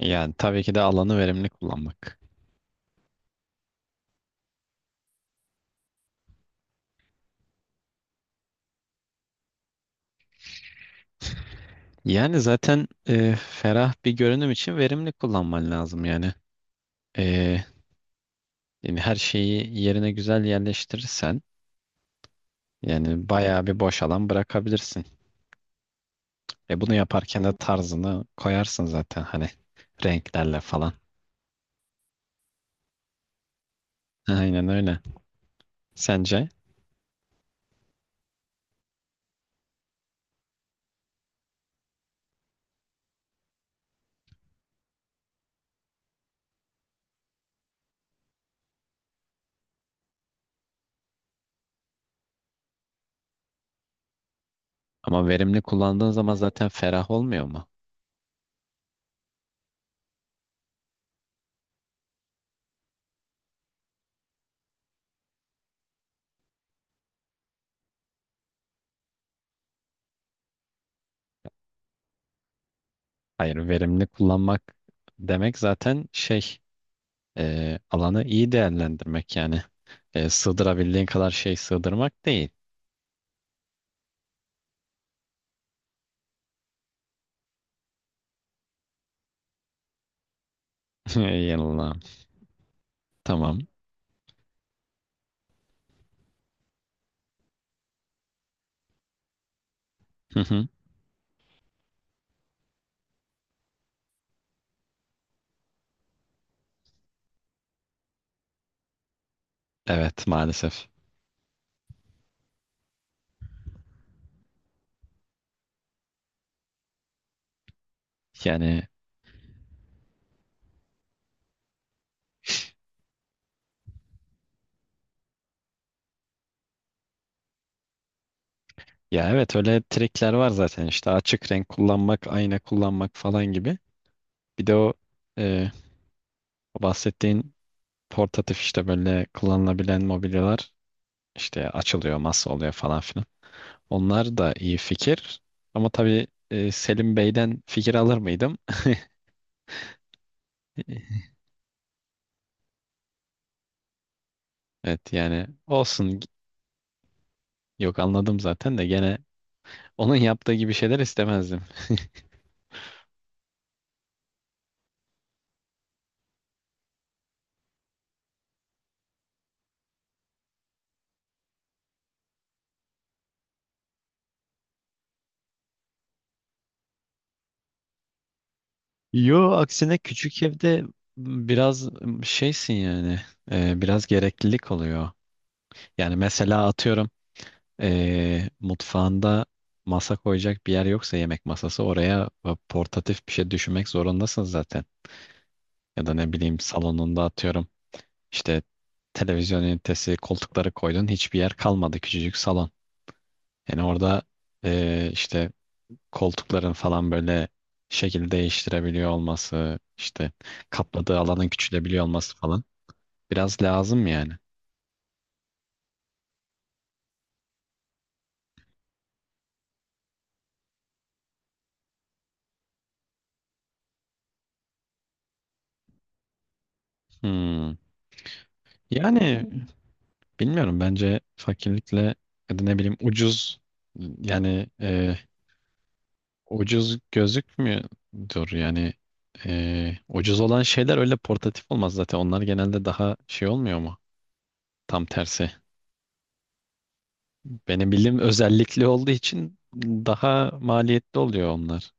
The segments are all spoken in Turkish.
Yani tabii ki de alanı verimli kullanmak. Yani zaten ferah bir görünüm için verimli kullanman lazım yani. E, yani her şeyi yerine güzel yerleştirirsen yani bayağı bir boş alan bırakabilirsin. Bunu yaparken de tarzını koyarsın zaten hani renklerle falan. Aynen öyle. Sence? Ama verimli kullandığın zaman zaten ferah olmuyor mu? Hayır, verimli kullanmak demek zaten şey alanı iyi değerlendirmek yani. E, sığdırabildiğin kadar şey sığdırmak değil. Yanılmam. Tamam. Hı hı. Evet maalesef. Yani ya evet öyle trikler var zaten işte açık renk kullanmak, ayna kullanmak falan gibi. Bir de o, e, o bahsettiğin portatif işte böyle kullanılabilen mobilyalar işte açılıyor, masa oluyor falan filan. Onlar da iyi fikir. Ama tabii Selim Bey'den fikir alır mıydım? Evet yani olsun. Yok, anladım zaten de gene onun yaptığı gibi şeyler istemezdim. Yo, aksine küçük evde biraz şeysin yani biraz gereklilik oluyor. Yani mesela atıyorum mutfağında masa koyacak bir yer yoksa yemek masası oraya portatif bir şey düşünmek zorundasın zaten. Ya da ne bileyim salonunda atıyorum. İşte televizyon ünitesi, koltukları koydun. Hiçbir yer kalmadı küçücük salon. Yani orada işte koltukların falan böyle şekil değiştirebiliyor olması, işte kapladığı alanın küçülebiliyor olması falan biraz lazım yani. Hmm. Yani bilmiyorum, bence fakirlikle ya da ne bileyim ucuz yani. Ucuz gözükmüyordur yani ucuz olan şeyler öyle portatif olmaz zaten, onlar genelde daha şey olmuyor mu? Tam tersi. Benim bildiğim özellikli olduğu için daha maliyetli oluyor onlar.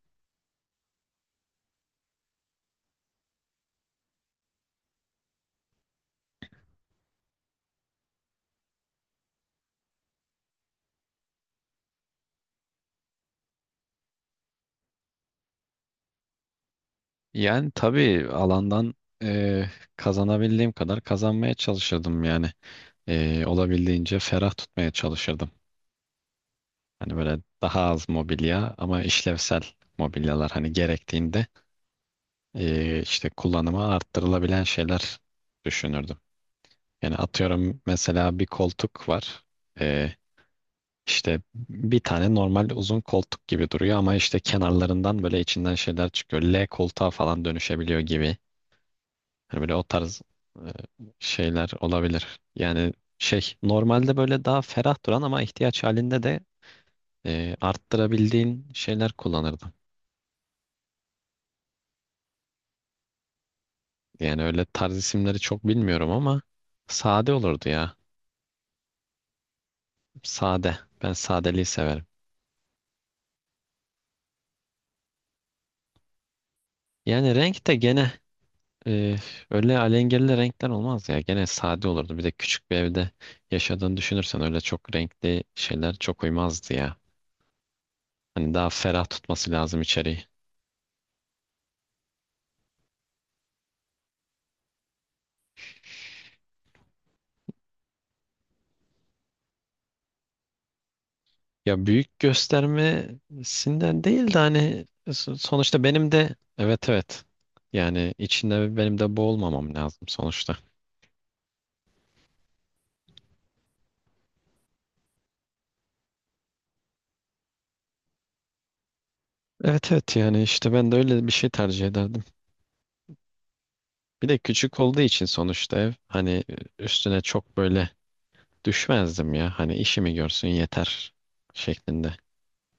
Yani tabii alandan eee, kazanabildiğim kadar kazanmaya çalışırdım yani. Olabildiğince ferah tutmaya çalışırdım. Hani böyle daha az mobilya ama işlevsel mobilyalar, hani gerektiğinde işte kullanıma arttırılabilen şeyler düşünürdüm. Yani atıyorum mesela bir koltuk var. Ee, işte bir tane normal uzun koltuk gibi duruyor ama işte kenarlarından böyle içinden şeyler çıkıyor. L koltuğa falan dönüşebiliyor gibi. Hani böyle o tarz e, şeyler olabilir. Yani şey, normalde böyle daha ferah duran ama ihtiyaç halinde de arttırabildiğin şeyler kullanırdım. Yani öyle tarz isimleri çok bilmiyorum ama sade olurdu ya. Sade. Ben sadeliği severim. Yani renk de gene Ee, öyle alengirli renkler olmaz ya. Gene sade olurdu. Bir de küçük bir evde yaşadığını düşünürsen öyle çok renkli şeyler çok uymazdı ya. Hani daha ferah tutması lazım içeriği. Ya büyük göstermesinden değil de hani sonuçta benim de evet, evet. Yani içinde benim de boğulmamam lazım sonuçta. Evet, evet, yani işte ben de öyle bir şey tercih ederdim. Bir de küçük olduğu için sonuçta ev hani üstüne çok böyle düşmezdim ya. Hani işimi görsün yeter şeklinde.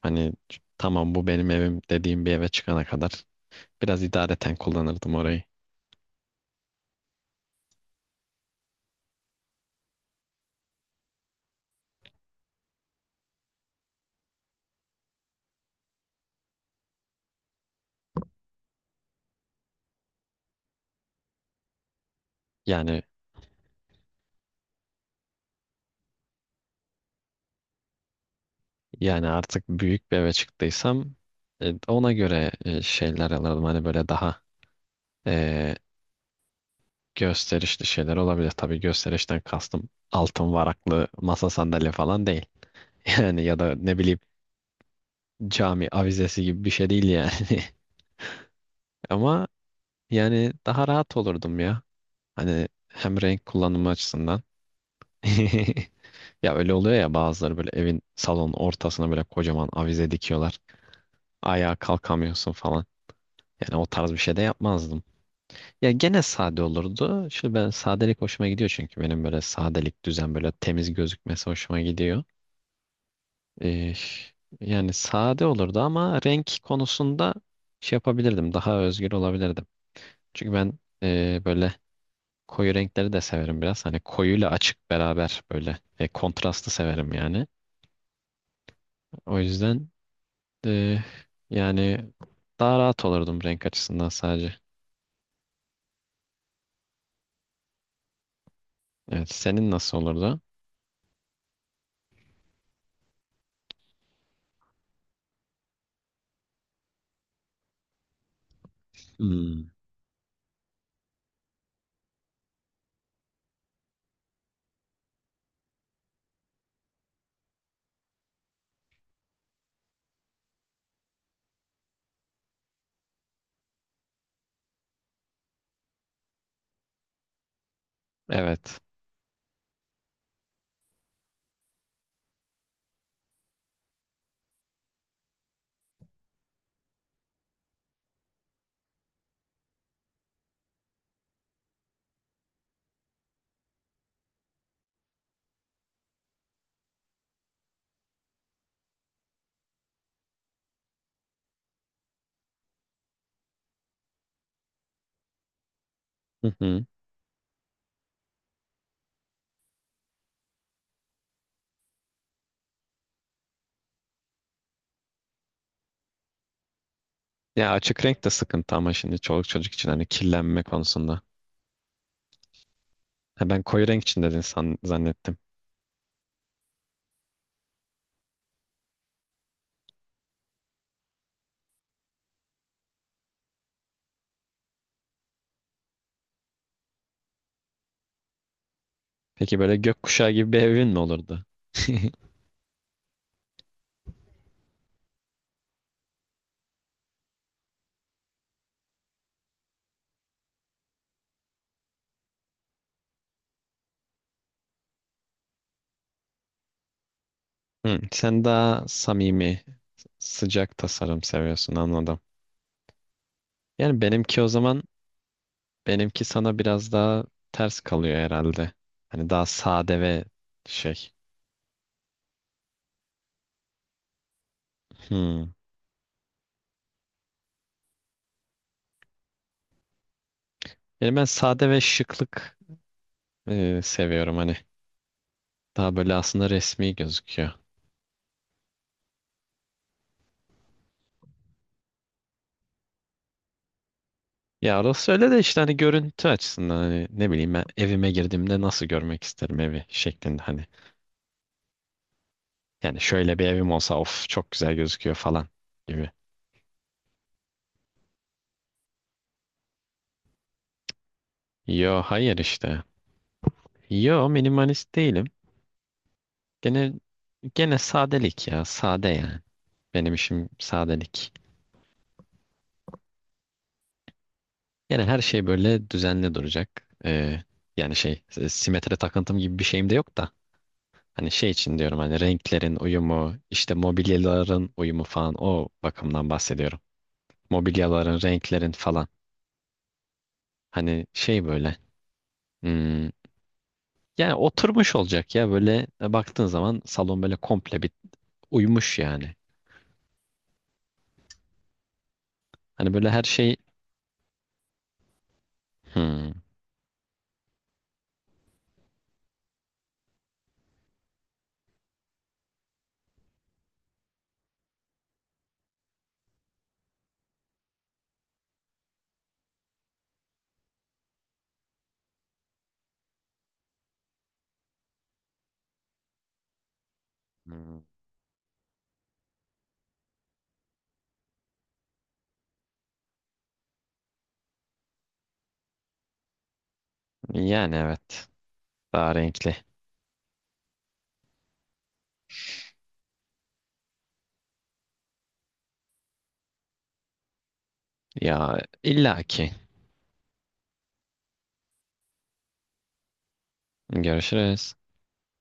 Hani tamam, bu benim evim dediğim bir eve çıkana kadar biraz idareten kullanırdım orayı. Yani yani artık büyük bir eve çıktıysam ona göre şeyler alırdım. Hani böyle daha e, gösterişli şeyler olabilir. Tabii gösterişten kastım altın varaklı masa sandalye falan değil. Yani ya da ne bileyim, cami avizesi gibi bir şey değil yani. Ama yani daha rahat olurdum ya. Hani hem renk kullanımı açısından. Ya öyle oluyor ya, bazıları böyle evin salonun ortasına böyle kocaman avize dikiyorlar. Ayağa kalkamıyorsun falan. Yani o tarz bir şey de yapmazdım. Ya gene sade olurdu. Şimdi ben sadelik hoşuma gidiyor çünkü benim böyle sadelik düzen böyle temiz gözükmesi hoşuma gidiyor. Ee, Yani sade olurdu ama renk konusunda şey yapabilirdim. Daha özgür olabilirdim. Çünkü ben böyle koyu renkleri de severim biraz. Hani koyuyla açık beraber böyle kontrastı severim yani. O yüzden e, yani daha rahat olurdum renk açısından sadece. Evet, senin nasıl olurdu? Hmm. Evet. Hı hı. Ya açık renk de sıkıntı ama şimdi çoluk çocuk için hani kirlenme konusunda. Ha, ben koyu renk için dedin zannettim. Peki böyle gökkuşağı gibi bir evin mi olurdu? Hı, sen daha samimi, sıcak tasarım seviyorsun, anladım. Yani benimki o zaman benimki sana biraz daha ters kalıyor herhalde. Hani daha sade ve şey. Hmm. Yani ben sade ve şıklık seviyorum hani. Daha böyle aslında resmi gözüküyor. Ya orası öyle de işte hani görüntü açısından hani ne bileyim, ben evime girdiğimde nasıl görmek isterim evi şeklinde hani. Yani şöyle bir evim olsa of çok güzel gözüküyor falan gibi. Yo hayır işte. Yo minimalist değilim. Gene gene sadelik ya, sade yani. Benim işim sadelik. Yani her şey böyle düzenli duracak. Yani şey, simetri takıntım gibi bir şeyim de yok da. Hani şey için diyorum, hani renklerin uyumu, işte mobilyaların uyumu falan, o bakımdan bahsediyorum. Mobilyaların, renklerin falan. Hani şey böyle. Hmm, yani oturmuş olacak ya, böyle baktığın zaman salon böyle komple bir uyumuş yani. Hani böyle her şey. Hmm, yani evet, daha renkli. Ya illaki. Görüşürüz.